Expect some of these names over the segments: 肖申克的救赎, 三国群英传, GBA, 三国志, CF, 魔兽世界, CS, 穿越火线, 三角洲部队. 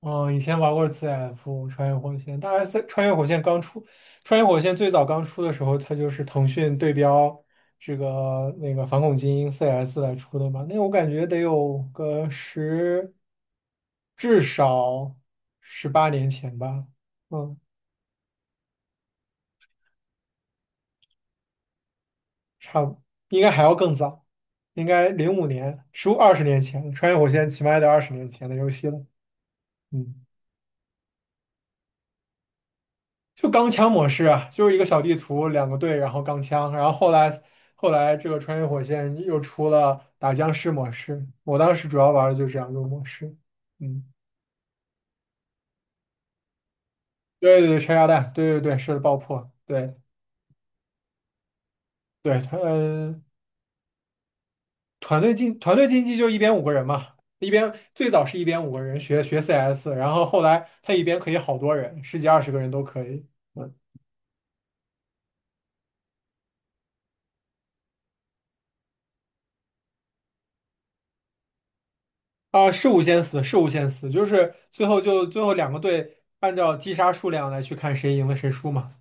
嗯，以前玩过 CF 穿越火线，穿越火线刚出，穿越火线最早刚出的时候，它就是腾讯对标反恐精英 CS 来出的嘛。那我感觉得有个十，至少18年前吧。嗯，差不，应该还要更早，应该05年，十五二十年前，穿越火线起码也得二十年前的游戏了。嗯。就钢枪模式啊，就是一个小地图，两个队，然后钢枪，然后后来这个穿越火线又出了打僵尸模式，我当时主要玩的就是这两种模式。嗯，对对对，拆炸弹，对对对，是的爆破，对对，团队竞技就一边五个人嘛，一边最早是一边五个人学 CS,然后后来他一边可以好多人，十几二十个人都可以。啊，是无限死，是无限死，就是最后两个队按照击杀数量来去看谁赢了谁输嘛。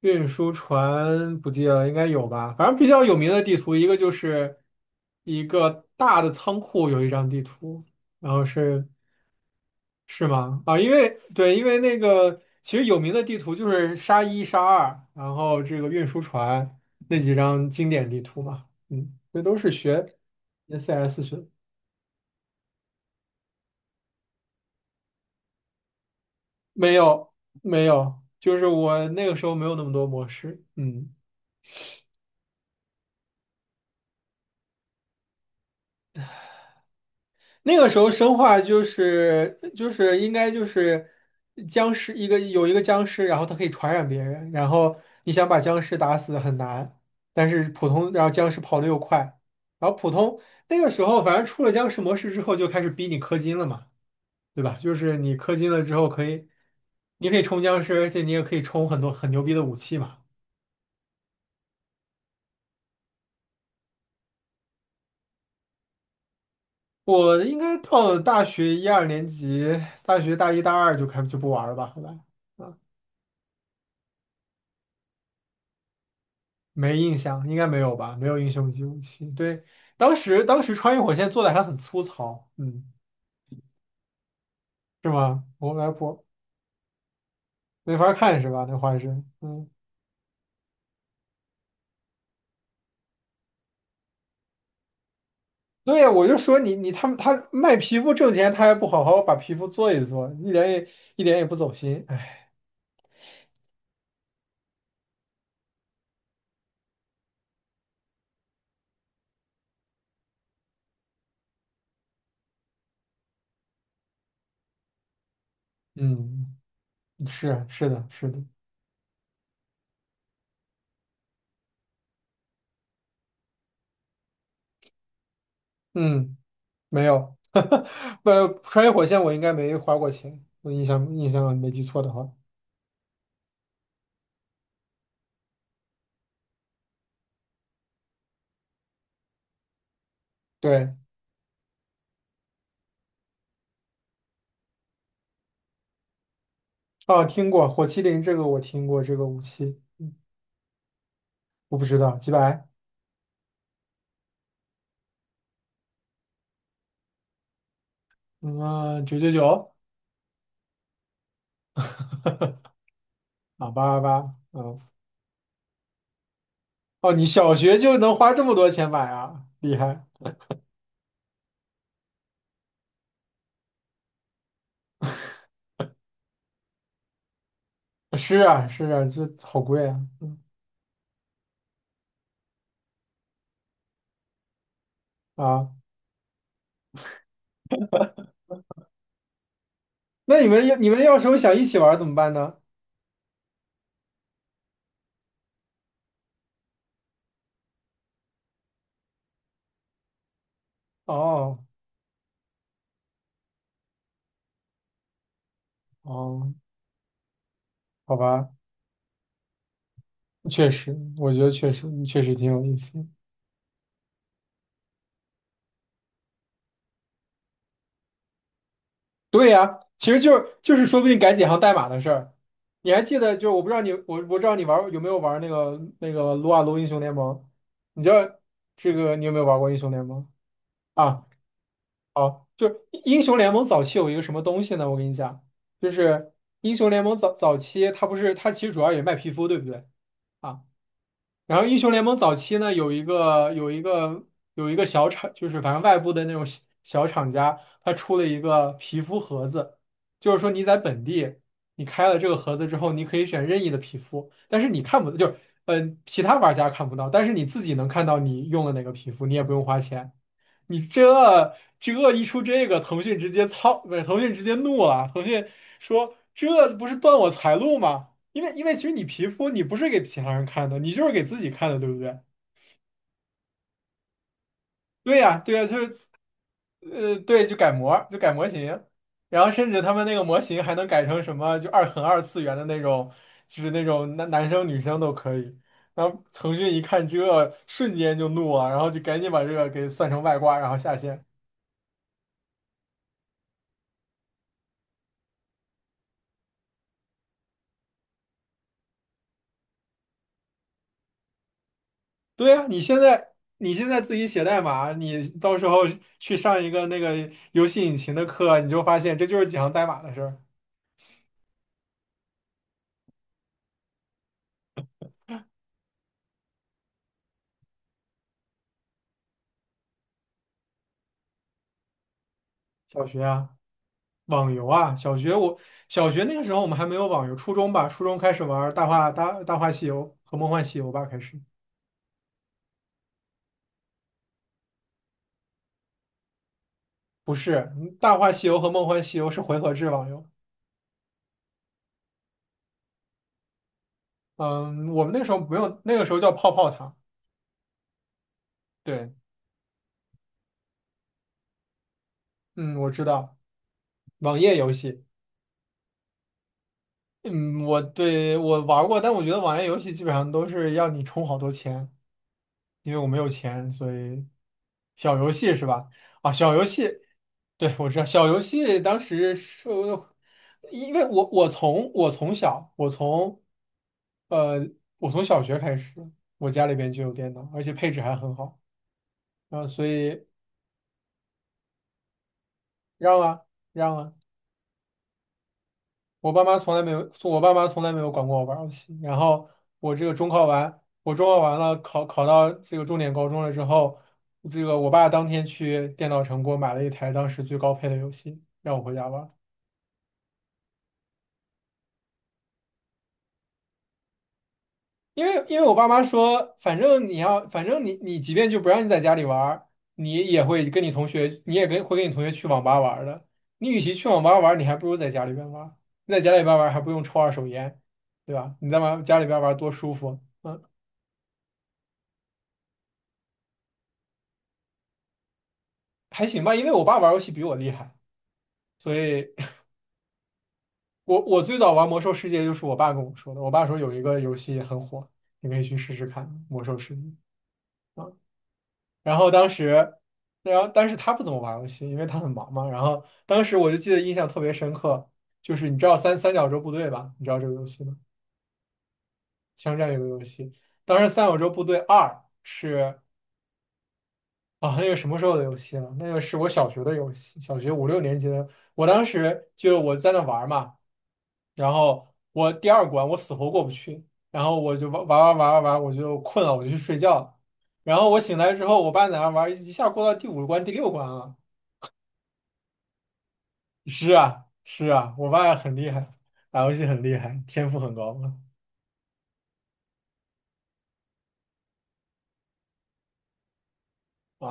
运输船不记得了，应该有吧？反正比较有名的地图，一个就是一个大的仓库有一张地图，然后是是吗？啊，因为对，因为那个其实有名的地图就是沙一、沙二，然后这个运输船那几张经典地图嘛，嗯，这都是学 CS 学的。没有没有，就是我那个时候没有那么多模式。嗯。那个时候生化就是应该就是僵尸一个有一个僵尸，然后它可以传染别人，然后你想把僵尸打死很难，但是普通然后僵尸跑的又快，然后普通那个时候反正出了僵尸模式之后就开始逼你氪金了嘛，对吧？就是你氪金了之后可以，你可以冲僵尸，而且你也可以冲很多很牛逼的武器嘛。我应该到了大学一二年级，大学大一大二就不玩了吧，后来。没印象，应该没有吧？没有英雄级武器。对，当时穿越火线做的还很粗糙，嗯，是吗？我来不没法看是吧？那画质。嗯，对，我就说他们卖皮肤挣钱，他还不好好把皮肤做一做，一点也不走心，哎。嗯，是啊，是的是的。嗯，没有。呃，穿越火线我应该没花过钱，我印象没记错的话，对。哦，听过火麒麟，这个我听过这个武器。我不知道，几百。嗯，999。啊，888。嗯，哦，你小学就能花这么多钱买啊，厉害！是啊，是啊，这好贵啊。嗯，啊，那你们要是有想一起玩儿怎么办呢？哦哦，好吧，确实，我觉得确实挺有意思。对呀，其实就是说不定改几行代码的事儿。你还记得，就是我不知道你有没有玩儿那个撸啊撸英雄联盟？你知道这个你有没有玩过英雄联盟？啊，哦，就是英雄联盟早期有一个什么东西呢？我跟你讲，就是英雄联盟早早期，它不是它其实主要也卖皮肤，对不对啊？然后英雄联盟早期呢，有一个小厂，就是反正外部的那种小厂家，它出了一个皮肤盒子，就是说你在本地你开了这个盒子之后，你可以选任意的皮肤，但是你看不就是其他玩家看不到，但是你自己能看到你用了哪个皮肤，你也不用花钱。你这这一出这个，腾讯直接操，不是腾讯直接怒了。腾讯说这不是断我财路吗？因为其实你皮肤你不是给其他人看的，你就是给自己看的，对不对？对呀，对呀，对，就改模型然后甚至他们那个模型还能改成什么，就二次元的那种，就是那种男生女生都可以。然后腾讯一看这，瞬间就怒了，然后就赶紧把这个给算成外挂，然后下线。对呀，你现在自己写代码，你到时候去上一个那个游戏引擎的课，你就发现这就是几行代码的事儿。小学啊，网游啊，小学我小学那个时候我们还没有网游，初中吧，初中开始玩儿大话西游和梦幻西游吧，开始不是嗯大话西游和梦幻西游是回合制网游。嗯，我们那个时候不用，那个时候叫泡泡堂。对，嗯，我知道，网页游戏。嗯，我玩过，但我觉得网页游戏基本上都是要你充好多钱。因为我没有钱，所以小游戏是吧？啊，小游戏，对，我知道小游戏当时是，因为呃我从小学开始，我家里边就有电脑，而且配置还很好。啊，所以让啊，让啊。我爸妈从来没有，我爸妈从来没有管过我玩儿游戏。然后我这个中考完，我中考完了，考到这个重点高中了之后，这个我爸当天去电脑城给我买了一台当时最高配的游戏，让我回家玩儿。因为我爸妈说，反正你要，反正你即便就不让你在家里玩儿，你也会跟你同学，你也会跟你同学去网吧玩儿的。你与其去网吧玩儿，你还不如在家里边玩儿。你在家里边玩儿还不用抽二手烟，对吧？你在玩家里边玩儿多舒服。嗯，还行吧，因为我爸玩游戏比我厉害，所以 我最早玩魔兽世界就是我爸跟我说的。我爸说有一个游戏很火，你可以去试试看《魔兽世界》啊。然后当时，然后但是他不怎么玩游戏，因为他很忙嘛。然后当时我就记得印象特别深刻，就是你知道三角洲部队吧？你知道这个游戏吗？枪战类的游戏。当时《三角洲部队二》是啊，那个什么时候的游戏了？那个是我小学的游戏，小学五六年级的。我当时就我在那玩儿嘛。然后我第二关我死活过不去，然后我就玩，我就困了，我就去睡觉了。然后我醒来之后，我爸在那玩，一下过到第五关、第六关了。是啊，是啊，我爸很厉害，打游戏很厉害，天赋很高 啊。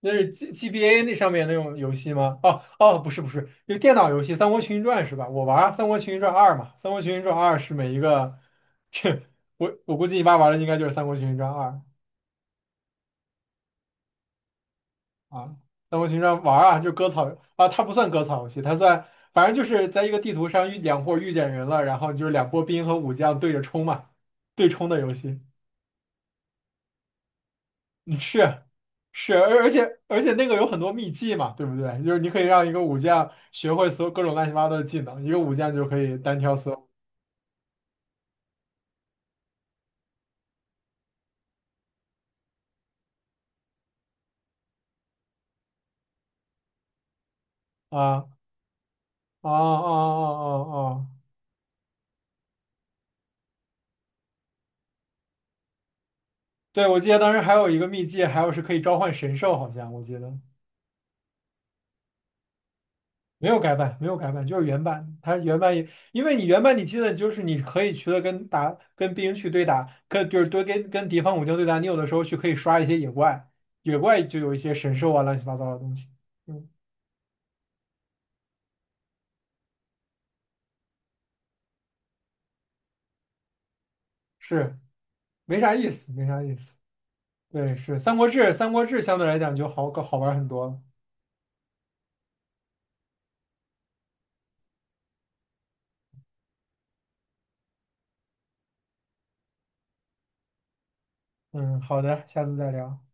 那是 GBA 那上面那种游戏吗？哦哦，不是不是，就电脑游戏《三国群英传》是吧？我玩儿三国群英传二》嘛，《三国群英传二》是每一个，这我估计你爸玩的应该就是《三国群英传二》啊，那我平常玩儿啊，就割草啊，它不算割草游戏，它算反正就是在一个地图上两波遇见人了，然后就是两波兵和武将对着冲嘛，对冲的游戏。嗯，是是，而且那个有很多秘技嘛，对不对？就是你可以让一个武将学会所有各种乱七八糟的技能，一个武将就可以单挑所有啊啊啊啊啊啊！啊对，我记得当时还有一个秘技，还有是可以召唤神兽，好像我记得。没有改版，没有改版，就是原版。它原版也，因为你原版你记得就是你可以去了跟打去对打，跟就是多跟跟敌方武将对打，你有的时候去可以刷一些野怪，野怪就有一些神兽啊乱七八糟的东西。嗯，是没啥意思，没啥意思。对，是《三国志》，《三国志》相对来讲就好搞好玩很多了。嗯，好的，下次再聊。